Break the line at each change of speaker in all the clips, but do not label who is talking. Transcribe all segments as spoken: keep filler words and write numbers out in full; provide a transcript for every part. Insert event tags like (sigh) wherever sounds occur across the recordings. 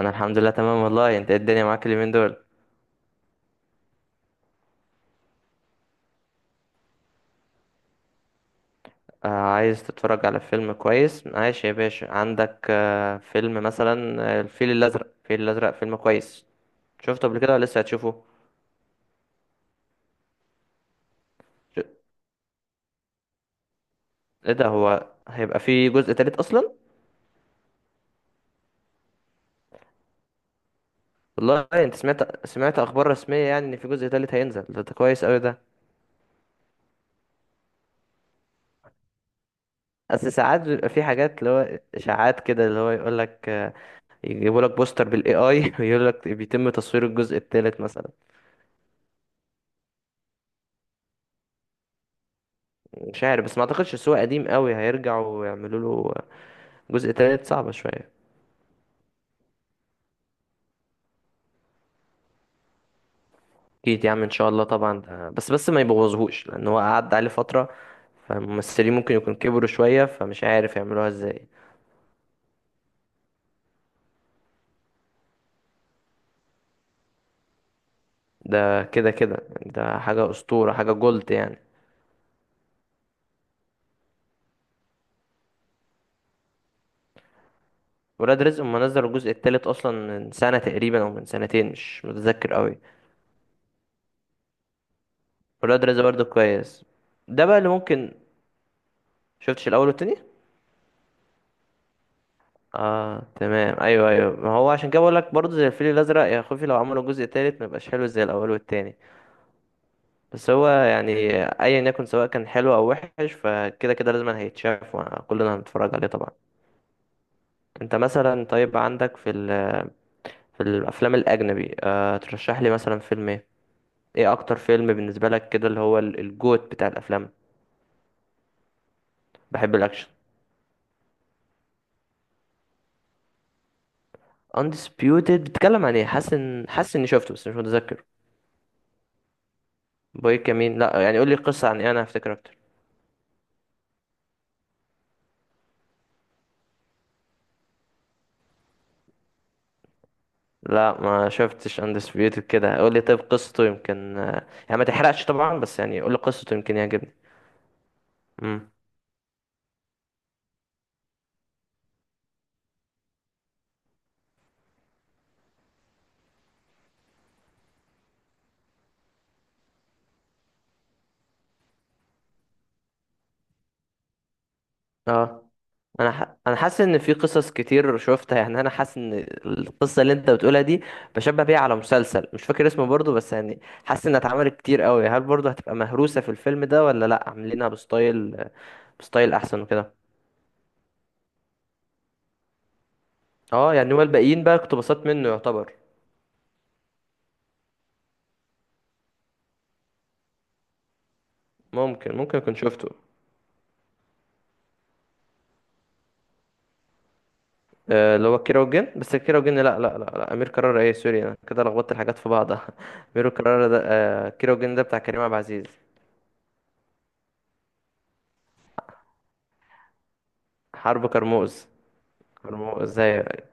انا الحمد لله تمام والله. انت إيه الدنيا معاك اليومين دول؟ آه عايز تتفرج على فيلم كويس؟ عايش يا باشا، عندك آه فيلم مثلا آه، الفيل الازرق. الفيل الازرق فيلم كويس. شفته قبل كده ولا لسه هتشوفه؟ ش- ايه ده، هو هيبقى فيه جزء تالت اصلا؟ والله انت سمعت سمعت اخبار رسميه يعني ان في جزء تالت هينزل ده؟ ده كويس قوي ده. اصل ساعات بيبقى في حاجات اللي هو اشاعات كده، اللي هو يقول لك آه، يجيبوا لك بوستر بالاي اي ويقول لك (laughs) بيتم تصوير الجزء التالت مثلا. مش عارف، بس ما اعتقدش، السوق قديم قوي هيرجعوا ويعملوا له جزء تالت؟ صعبة شوية. اكيد يا عم ان شاء الله طبعا ده، بس بس ما يبوظهوش، لان هو قعد عليه فترة، فالممثلين ممكن يكون كبروا شوية، فمش عارف يعملوها ازاي. ده كده كده يعني، ده حاجة اسطورة، حاجة جولد يعني. ولاد رزق هما نزلوا الجزء التالت اصلا من سنة تقريبا او من سنتين، مش متذكر قوي. ولاد رزق برضه كويس. ده بقى اللي ممكن. شفتش الاول والتاني؟ اه تمام، ايوه ايوه، ما هو عشان كده بقول لك برضه زي الفيل الازرق، يا خوفي لو عملوا جزء تالت ما يبقاش حلو زي الاول والتاني. بس هو يعني ايا يكن، سواء كان حلو او وحش، فكده كده لازم هيتشاف وكلنا هنتفرج عليه طبعا. انت مثلا طيب عندك في ال... في الافلام الاجنبي، آه ترشح لي مثلا فيلم ايه؟ ايه اكتر فيلم بالنسبه لك كده، اللي هو ال- الجوت بتاع الافلام؟ بحب الاكشن. Undisputed بتتكلم عن ايه؟ حاسس ان حاسس اني شفته بس مش متذكر. بوي كمين، لا يعني قول لي القصه عن ايه انا هفتكر اكتر. لا ما شفتش اندسبيوتد، كده قول لي طيب قصته يمكن، يعني ما تحرقش طبعا، بس يعني قول لي قصته يمكن يعجبني. امم اه انا ح... انا حاسس ان في قصص كتير شفتها، يعني انا حاسس ان القصه اللي انت بتقولها دي بشبه بيها على مسلسل مش فاكر اسمه برضو، بس يعني حاسس انها اتعملت كتير قوي. هل برضو هتبقى مهروسه في الفيلم ده ولا لا عاملينها بستايل بستايل احسن وكده؟ اه يعني هو الباقيين بقى اقتباسات منه يعتبر. ممكن ممكن اكون شفته. آه، اللي هو كيرة والجن. بس كيرة والجن لا لا لا, لا امير كرارة، ايه سوري انا كده لخبطت الحاجات في بعضها (laughs) امير كرارة ده آه، كيرة والجن ده بتاع كريم عبد العزيز. حرب كرموز. كرموز ايوه.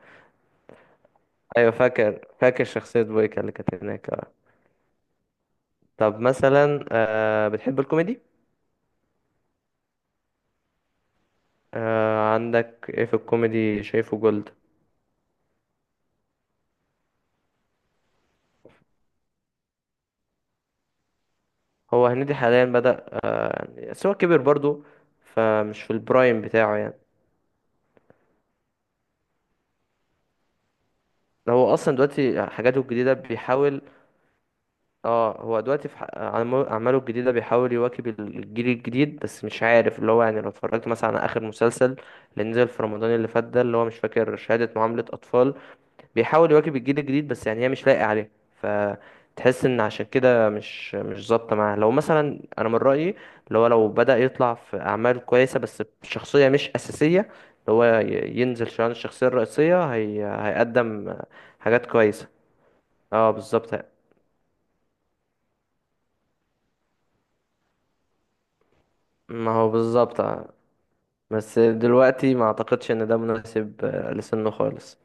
ايوه فاكر، فاكر شخصية بويكا اللي كانت هناك آه. طب مثلا آه، بتحب الكوميدي؟ آه، عندك ايه في الكوميدي شايفه جولد؟ هو هنيدي حاليا بدأ آه، يعني، بس هو كبر برضو، فمش في البرايم بتاعه يعني. هو اصلا دلوقتي حاجاته الجديدة بيحاول. اه هو دلوقتي في ح- أعمال- اعماله الجديده بيحاول يواكب الجيل الجديد، بس مش عارف اللي هو يعني لو اتفرجت مثلا على اخر مسلسل اللي نزل في رمضان اللي فات ده، اللي هو مش فاكر، شهاده معامله اطفال، بيحاول يواكب الجيل الجديد بس يعني هي مش لايقه عليه، فتحس ان عشان كده مش مش ظابطه معاه. لو مثلا انا من رايي، اللي هو لو بدا يطلع في اعمال كويسه بس بشخصيه مش اساسيه، اللي هو ي- ينزل شان الشخصيه الرئيسيه هي... هيقدم حاجات كويسه. اه بالظبط. ما هو بالظبط. بس دلوقتي ما اعتقدش ان ده مناسب آه، لسنه خالص.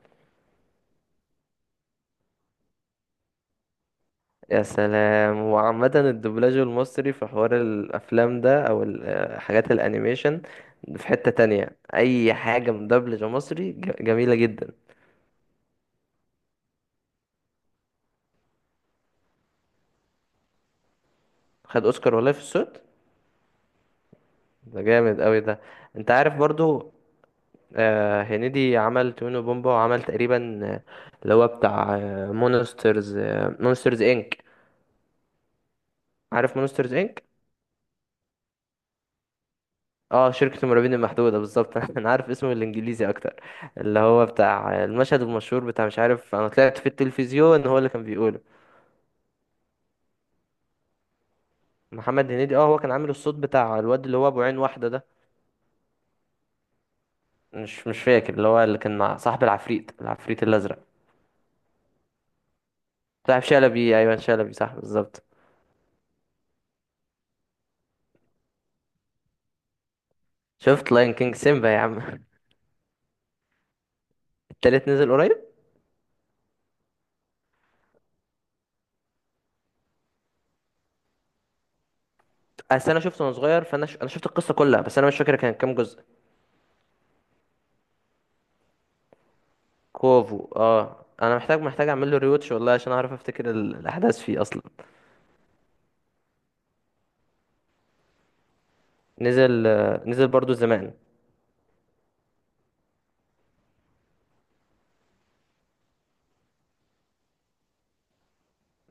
يا سلام، وعامة الدبلاج المصري في حوار الافلام ده او ال- آه، حاجات الانيميشن في حتة تانية، اي حاجة مدبلجة مصري ج- جميلة جدا. خد اوسكار والله في الصوت؟ ده جامد قوي ده. انت عارف برضو آه، هنيدي عمل تونو بومبا وعمل تقريبا آه، اللي هو بتاع مونسترز مونسترز انك. عارف مونسترز انك؟ اه شركة المرعبين المحدودة بالظبط (laughs) انا عارف اسمه الانجليزي اكتر. اللي هو بتاع المشهد المشهور، بتاع مش عارف انا طلعت في التلفزيون هو اللي كان بيقوله. محمد هنيدي اه، هو كان عامل الصوت بتاع الواد اللي هو ابو عين واحدة ده. مش مش فاكر، اللي هو اللي كان مع صاحب العفريت، العفريت الازرق. صاحب شلبي. ايوه شلبي، صح بالظبط. شفت لاين كينج سيمبا يا عم. (laughs) التالت نزل قريب؟ اصل انا شفته وانا صغير، فانا ش... انا شفت القصة كلها بس انا مش فاكر كان كام جزء. كوفو، اه انا محتاج محتاج اعمل له ريوتش والله عشان اعرف افتكر ال- الاحداث فيه اصلا. نزل آه، نزل برضو زمان.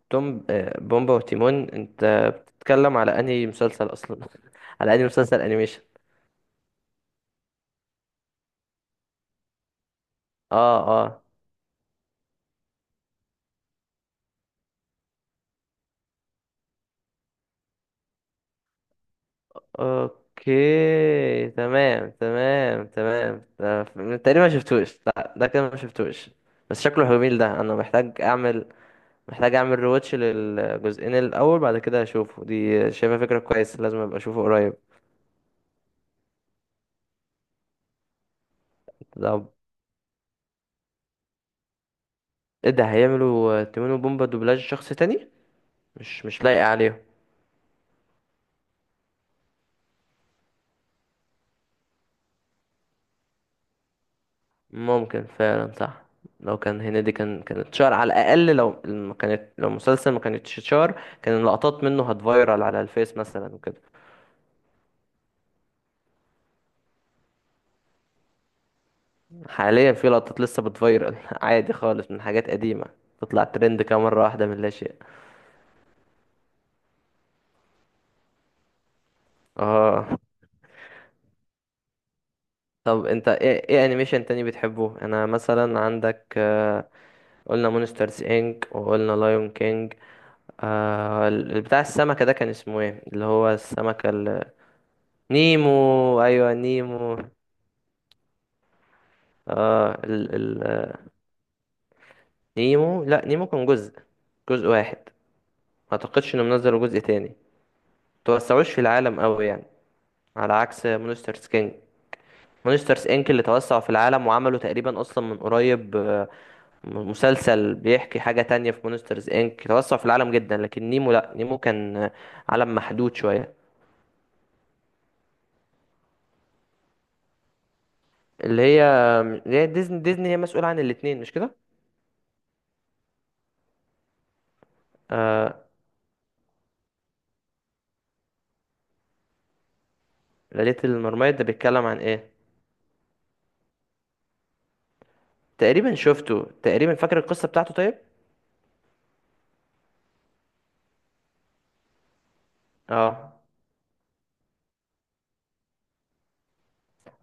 توم آه، بومبا وتيمون، انت بتتكلم على انهي مسلسل اصلا؟ (laughs) على انهي مسلسل انيميشن؟ اه. اه. اوكي تمام، تمام تمام ده ف- تقريبا ما شفتوش. لا ده كده ما شفتوش. بس شكله جميل ده، انا محتاج اعمل محتاج اعمل ريواتش للجزئين الاول، بعد كده اشوفه. دي شايفها فكرة كويسة، لازم ابقى اشوفه قريب. ده ايه ده، هيعملوا آه، تيمون وبومبا دوبلاج شخص تاني؟ مش مش لايق عليهم. ممكن فعلا صح. لو كان هنيدي كان، كانت شهر على الاقل. لو ما كانت، لو المسلسل ما كانتش شهر، كان اللقطات منه هتفايرال على الفيس مثلا وكده. حاليا في لقطات لسه بتفايرال (laughs) عادي خالص من حاجات قديمة، تطلع ترند كده مرة واحدة من لا شيء. اه. طب انت ايه ايه انيميشن تاني بتحبه؟ انا مثلا عندك آه، قلنا مونسترز انك وقلنا لايون كينج. آه ال- بتاع السمكة ده كان اسمه ايه، اللي هو السمكة ال- نيمو، ايوه نيمو. اه ال ال آه، نيمو، لا نيمو كان جزء، جزء واحد. ما اعتقدش انهم نزلوا جزء تاني، توسعوش في العالم قوي يعني، على عكس مونسترز كينج. مونسترز انك اللي توسعوا في العالم، وعملوا تقريبا اصلا من قريب آه، م- مسلسل بيحكي حاجة تانية. في مونسترز انك توسعوا في العالم جدا، لكن نيمو، لا نيمو كان آه، عالم محدود شوية. اللي هي آه، اللي هي ديزني. ديزني هي مسؤولة عن الاتنين مش كده؟ آه ليلة المرميد ده بيتكلم عن ايه؟ تقريبا شفته، تقريبا فاكر القصة بتاعته طيب؟ اه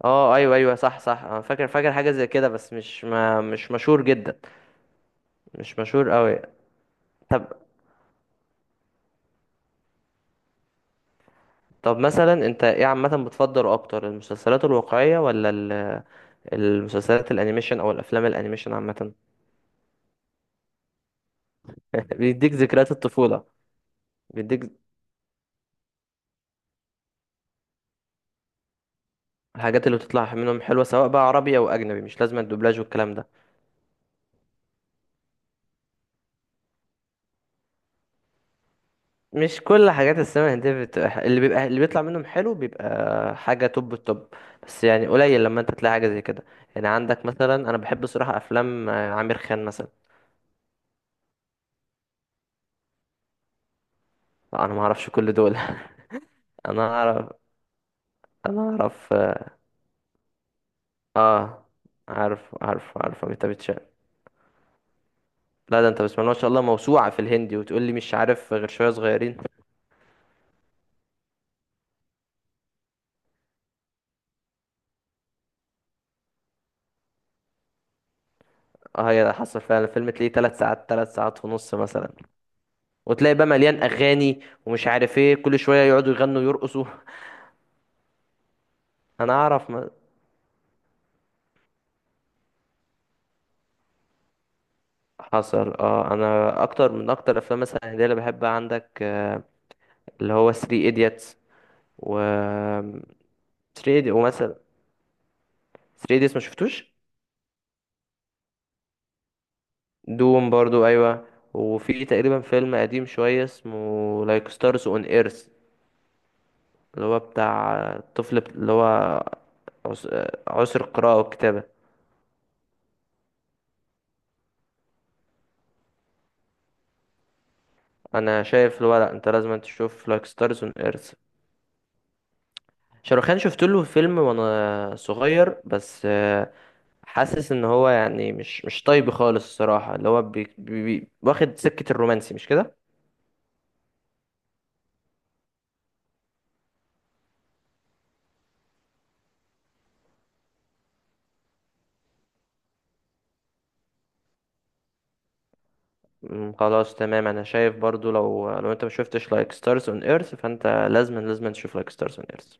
اه ايوه ايوه صح صح، انا فاكر، فاكر حاجه زي كده بس مش ما مش مشهور جدا. مش مشهور قوي. طب، طب مثلا انت ايه عامه بتفضل اكتر، المسلسلات الواقعيه ولا ال- المسلسلات الانيميشن او الافلام الانيميشن عامه؟ (laughs) بيديك ذكريات الطفوله. بيديك الحاجات اللي بتطلع منهم حلوه، سواء بقى عربي او اجنبي، مش لازم الدوبلاج والكلام ده. مش كل حاجات السينما الهندية بتبقى ح- اللي بيبقى اللي بيطلع منهم حلو بيبقى حاجة توب التوب، بس يعني قليل لما انت تلاقي حاجة زي كده. يعني عندك مثلا انا بحب صراحة افلام آه، عامر خان مثلا. لا، انا ما اعرفش كل دول (laughs) انا اعرف. انا اعرف. اه عارف، عارف عارف انت بتشاء. لا ده انت بسم الله ما شاء الله موسوعة في الهندي، وتقول لي مش عارف غير شوية صغيرين. اه هي ده حصل فعلا، الفيلم تلاقيه ثلاث ساعات، ثلاث ساعات ونص مثلا، وتلاقي بقى مليان اغاني، ومش عارف ايه، كل شوية يقعدوا يغنوا ويرقصوا. انا اعرف. حصل. اه انا اكتر، من اكتر افلام مثلا هندية اللي بحبها عندك آه، اللي هو ثري ايديتس، و ثري ايديتس ومثلا ثري ايديتس ما شفتوش؟ دوم برضو ايوه. وفي تقريبا فيلم قديم شويه اسمه لايك ستارز اون ايرث، اللي هو بتاع الطفل بت- اللي هو عس- آه، عسر القراءه والكتابه. انا شايف اللي هو، لا انت لازم تشوف لايك ستارز اون ايرث. شاروخان شفت له فيلم وانا صغير، بس آه، حاسس ان هو يعني مش مش طيب خالص الصراحه، اللي هو بي بي واخد سكه الرومانسي مش كده. مم، خلاص تمام. انا شايف برضو لو لو انت ما شفتش لايك ستارز اون ايرث فانت لازما لازما تشوف لايك ستارز اون ايرث.